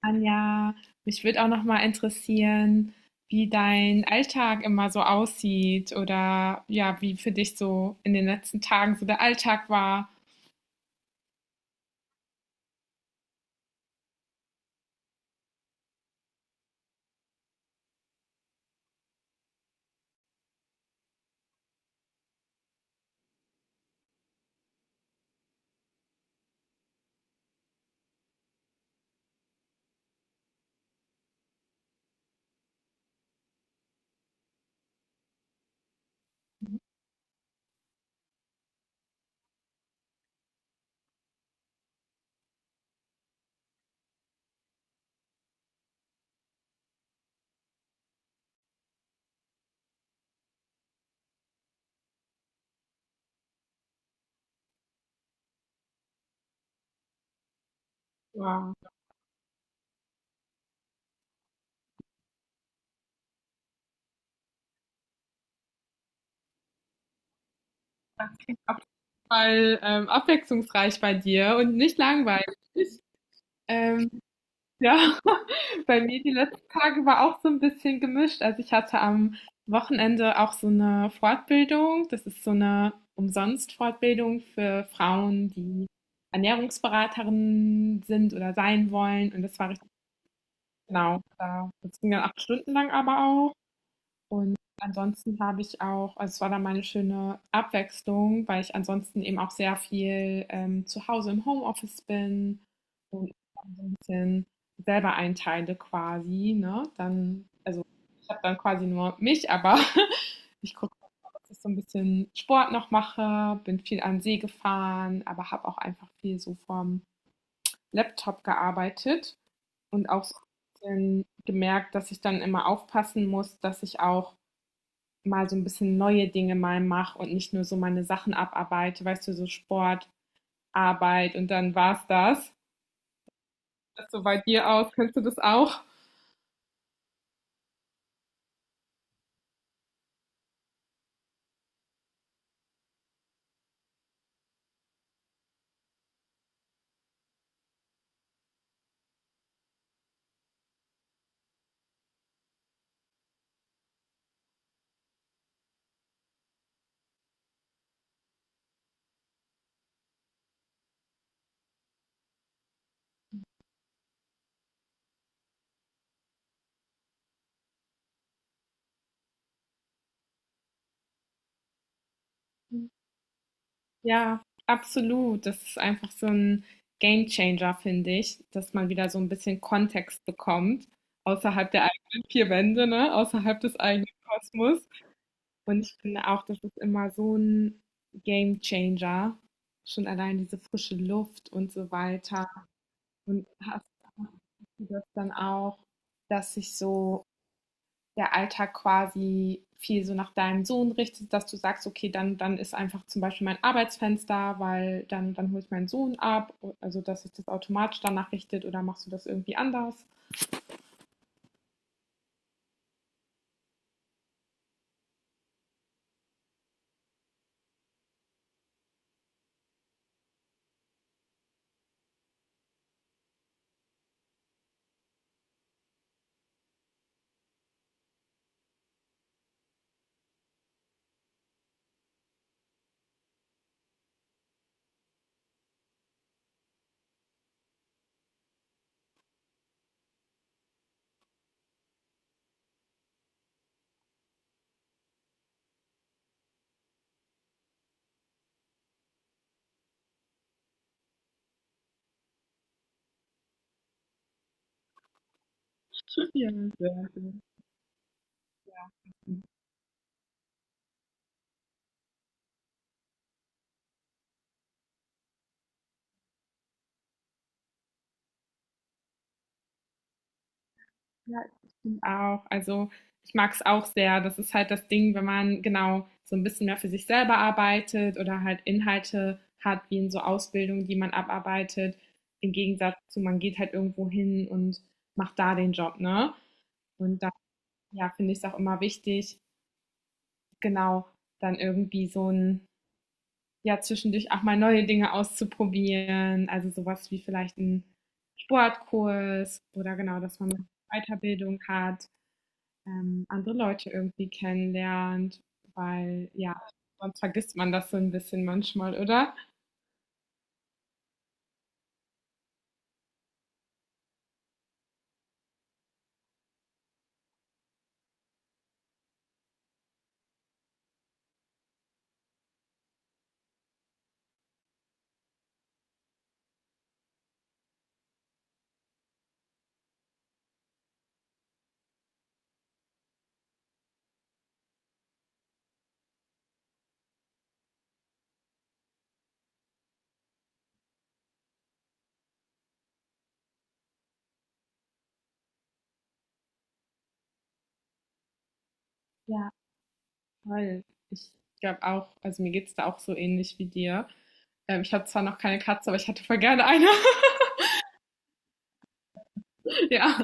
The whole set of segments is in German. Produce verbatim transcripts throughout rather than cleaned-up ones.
Anja, mich würde auch noch mal interessieren, wie dein Alltag immer so aussieht oder ja, wie für dich so in den letzten Tagen so der Alltag war. Ja, weil ähm, abwechslungsreich bei dir und nicht langweilig. Ähm, Ja, bei mir die letzten Tage war auch so ein bisschen gemischt. Also, ich hatte am Wochenende auch so eine Fortbildung. Das ist so eine Umsonst-Fortbildung für Frauen, die Ernährungsberaterinnen sind oder sein wollen, und das war richtig genau, da das ging dann acht Stunden lang aber auch. Und ansonsten habe ich auch, also es war dann mal 'ne schöne Abwechslung, weil ich ansonsten eben auch sehr viel, ähm, zu Hause im Homeoffice bin und so ein bisschen selber einteile quasi, ne? Dann ich habe dann quasi nur mich, aber ich gucke, dass ich so ein bisschen Sport noch mache, bin viel an den See gefahren, aber habe auch einfach viel so vom Laptop gearbeitet und auch so 'n bisschen gemerkt, dass ich dann immer aufpassen muss, dass ich auch mal so ein bisschen neue Dinge mal mache und nicht nur so meine Sachen abarbeite, weißt du, so Sport, Arbeit und dann war's das. Ist so bei dir aus? Kennst du das auch? Ja, absolut. Das ist einfach so 'n Gamechanger, finde ich, dass man wieder so ein bisschen Kontext bekommt außerhalb der eigenen vier Wände, ne, außerhalb des eigenen Kosmos. Und ich finde auch, das ist immer so 'n Gamechanger, schon allein diese frische Luft und so weiter. Und hast hast du das dann auch, dass sich so der Alltag quasi viel so nach deinem Sohn richtet, dass du sagst, okay, dann, dann ist einfach zum Beispiel mein Arbeitsfenster, weil dann, dann hole ich meinen Sohn ab, also dass sich das automatisch danach richtet oder machst du das irgendwie anders? Ja, sehr, sehr. Ja, ich bin auch. Also ich mag es auch sehr. Das ist halt das Ding, wenn man genau so ein bisschen mehr für sich selber arbeitet oder halt Inhalte hat, wie in so Ausbildungen, die man abarbeitet. Im Gegensatz zu, man geht halt irgendwo hin und macht da den Job, ne? Und da, ja, finde ich es auch immer wichtig, genau, dann irgendwie so ein, ja, zwischendurch auch mal neue Dinge auszuprobieren. Also sowas wie vielleicht ein Sportkurs oder genau, dass man eine Weiterbildung hat, ähm, andere Leute irgendwie kennenlernt, weil ja, sonst vergisst man das so ein bisschen manchmal, oder? Ja, voll. Ich glaube auch, also mir geht's da auch so ähnlich wie dir. Ähm, ich habe zwar noch keine Katze, aber ich hätte voll gerne eine. Ja,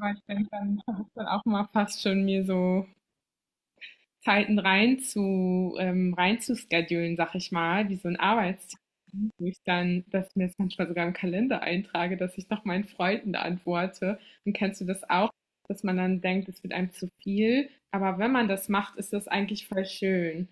aber ich denke, dann versuche dann auch mal fast schon mir so Zeiten rein zu ähm, rein zu schedulen, sag ich mal, wie so ein Arbeitstier. Mich dann, dass ich mir das manchmal sogar im Kalender eintrage, dass ich noch meinen Freunden antworte. Und kennst du das auch, dass man dann denkt, es wird einem zu viel? Aber wenn man das macht, ist das eigentlich voll schön.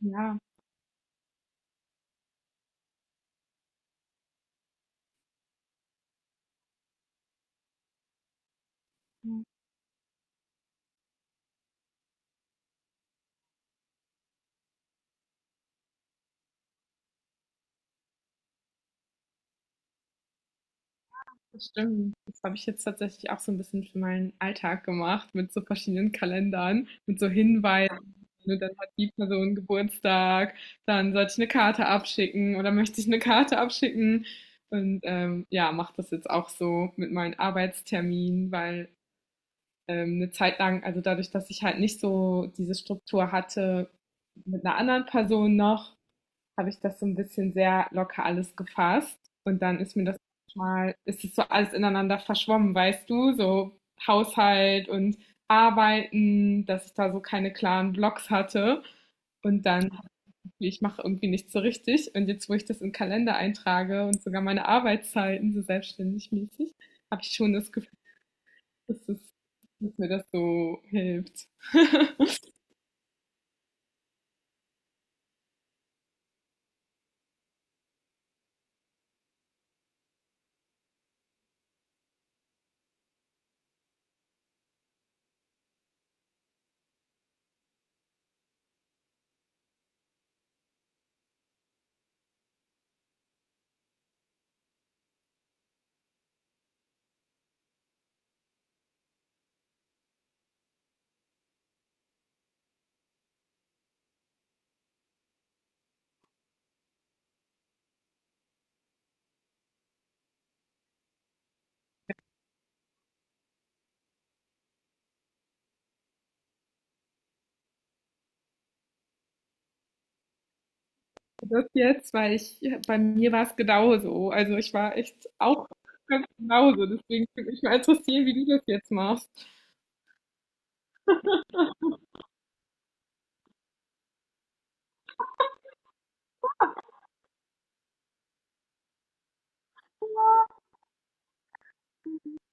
Ja, ja, das stimmt. Das habe ich jetzt tatsächlich auch so ein bisschen für meinen Alltag gemacht, mit so verschiedenen Kalendern, mit so Hinweisen. Ne, dann hat die Person Geburtstag, dann sollte ich eine Karte abschicken oder möchte ich eine Karte abschicken. Und ähm, ja, mache das jetzt auch so mit meinen Arbeitsterminen, weil ähm, eine Zeit lang, also dadurch, dass ich halt nicht so diese Struktur hatte mit einer anderen Person noch, habe ich das so ein bisschen sehr locker alles gefasst. Und dann ist mir das mal, ist es so alles ineinander verschwommen, weißt du, so Haushalt und Arbeiten, dass ich da so keine klaren Blocks hatte. Und dann, ich mache irgendwie nichts so richtig. Und jetzt, wo ich das im Kalender eintrage und sogar meine Arbeitszeiten so selbstständig mäßig, habe ich schon das Gefühl, dass es dass mir das so hilft. Das jetzt, weil ich, bei mir war es genauso. Also ich war echt auch ganz genauso. Deswegen würde mich mal interessieren, wie du das jetzt machst.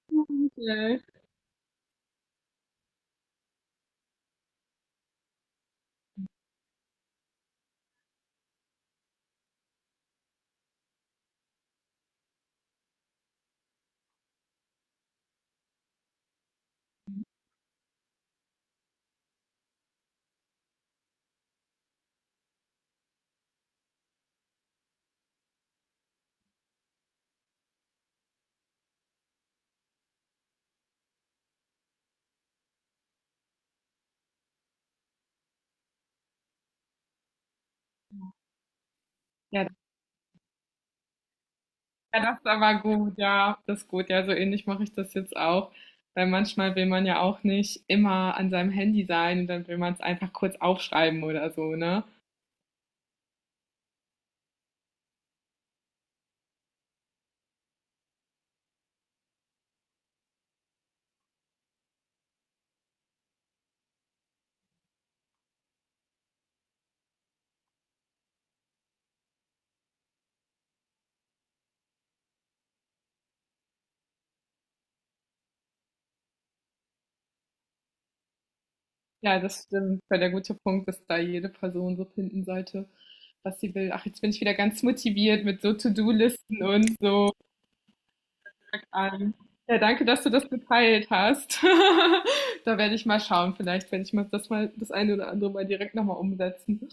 Und, äh, ja, ja, das ist aber gut, ja, das ist gut. Ja, so ähnlich mache ich das jetzt auch. Weil manchmal will man ja auch nicht immer an seinem Handy sein und dann will man es einfach kurz aufschreiben oder so, ne? Ja, das stimmt, weil der gute Punkt ist da jede Person so finden sollte, was sie will. Ach, jetzt bin ich wieder ganz motiviert mit so To-Do-Listen und so. Ähm, ja, danke, dass du das geteilt hast. Da werde ich mal schauen, vielleicht werde ich mal das mal das eine oder andere mal direkt nochmal umsetzen.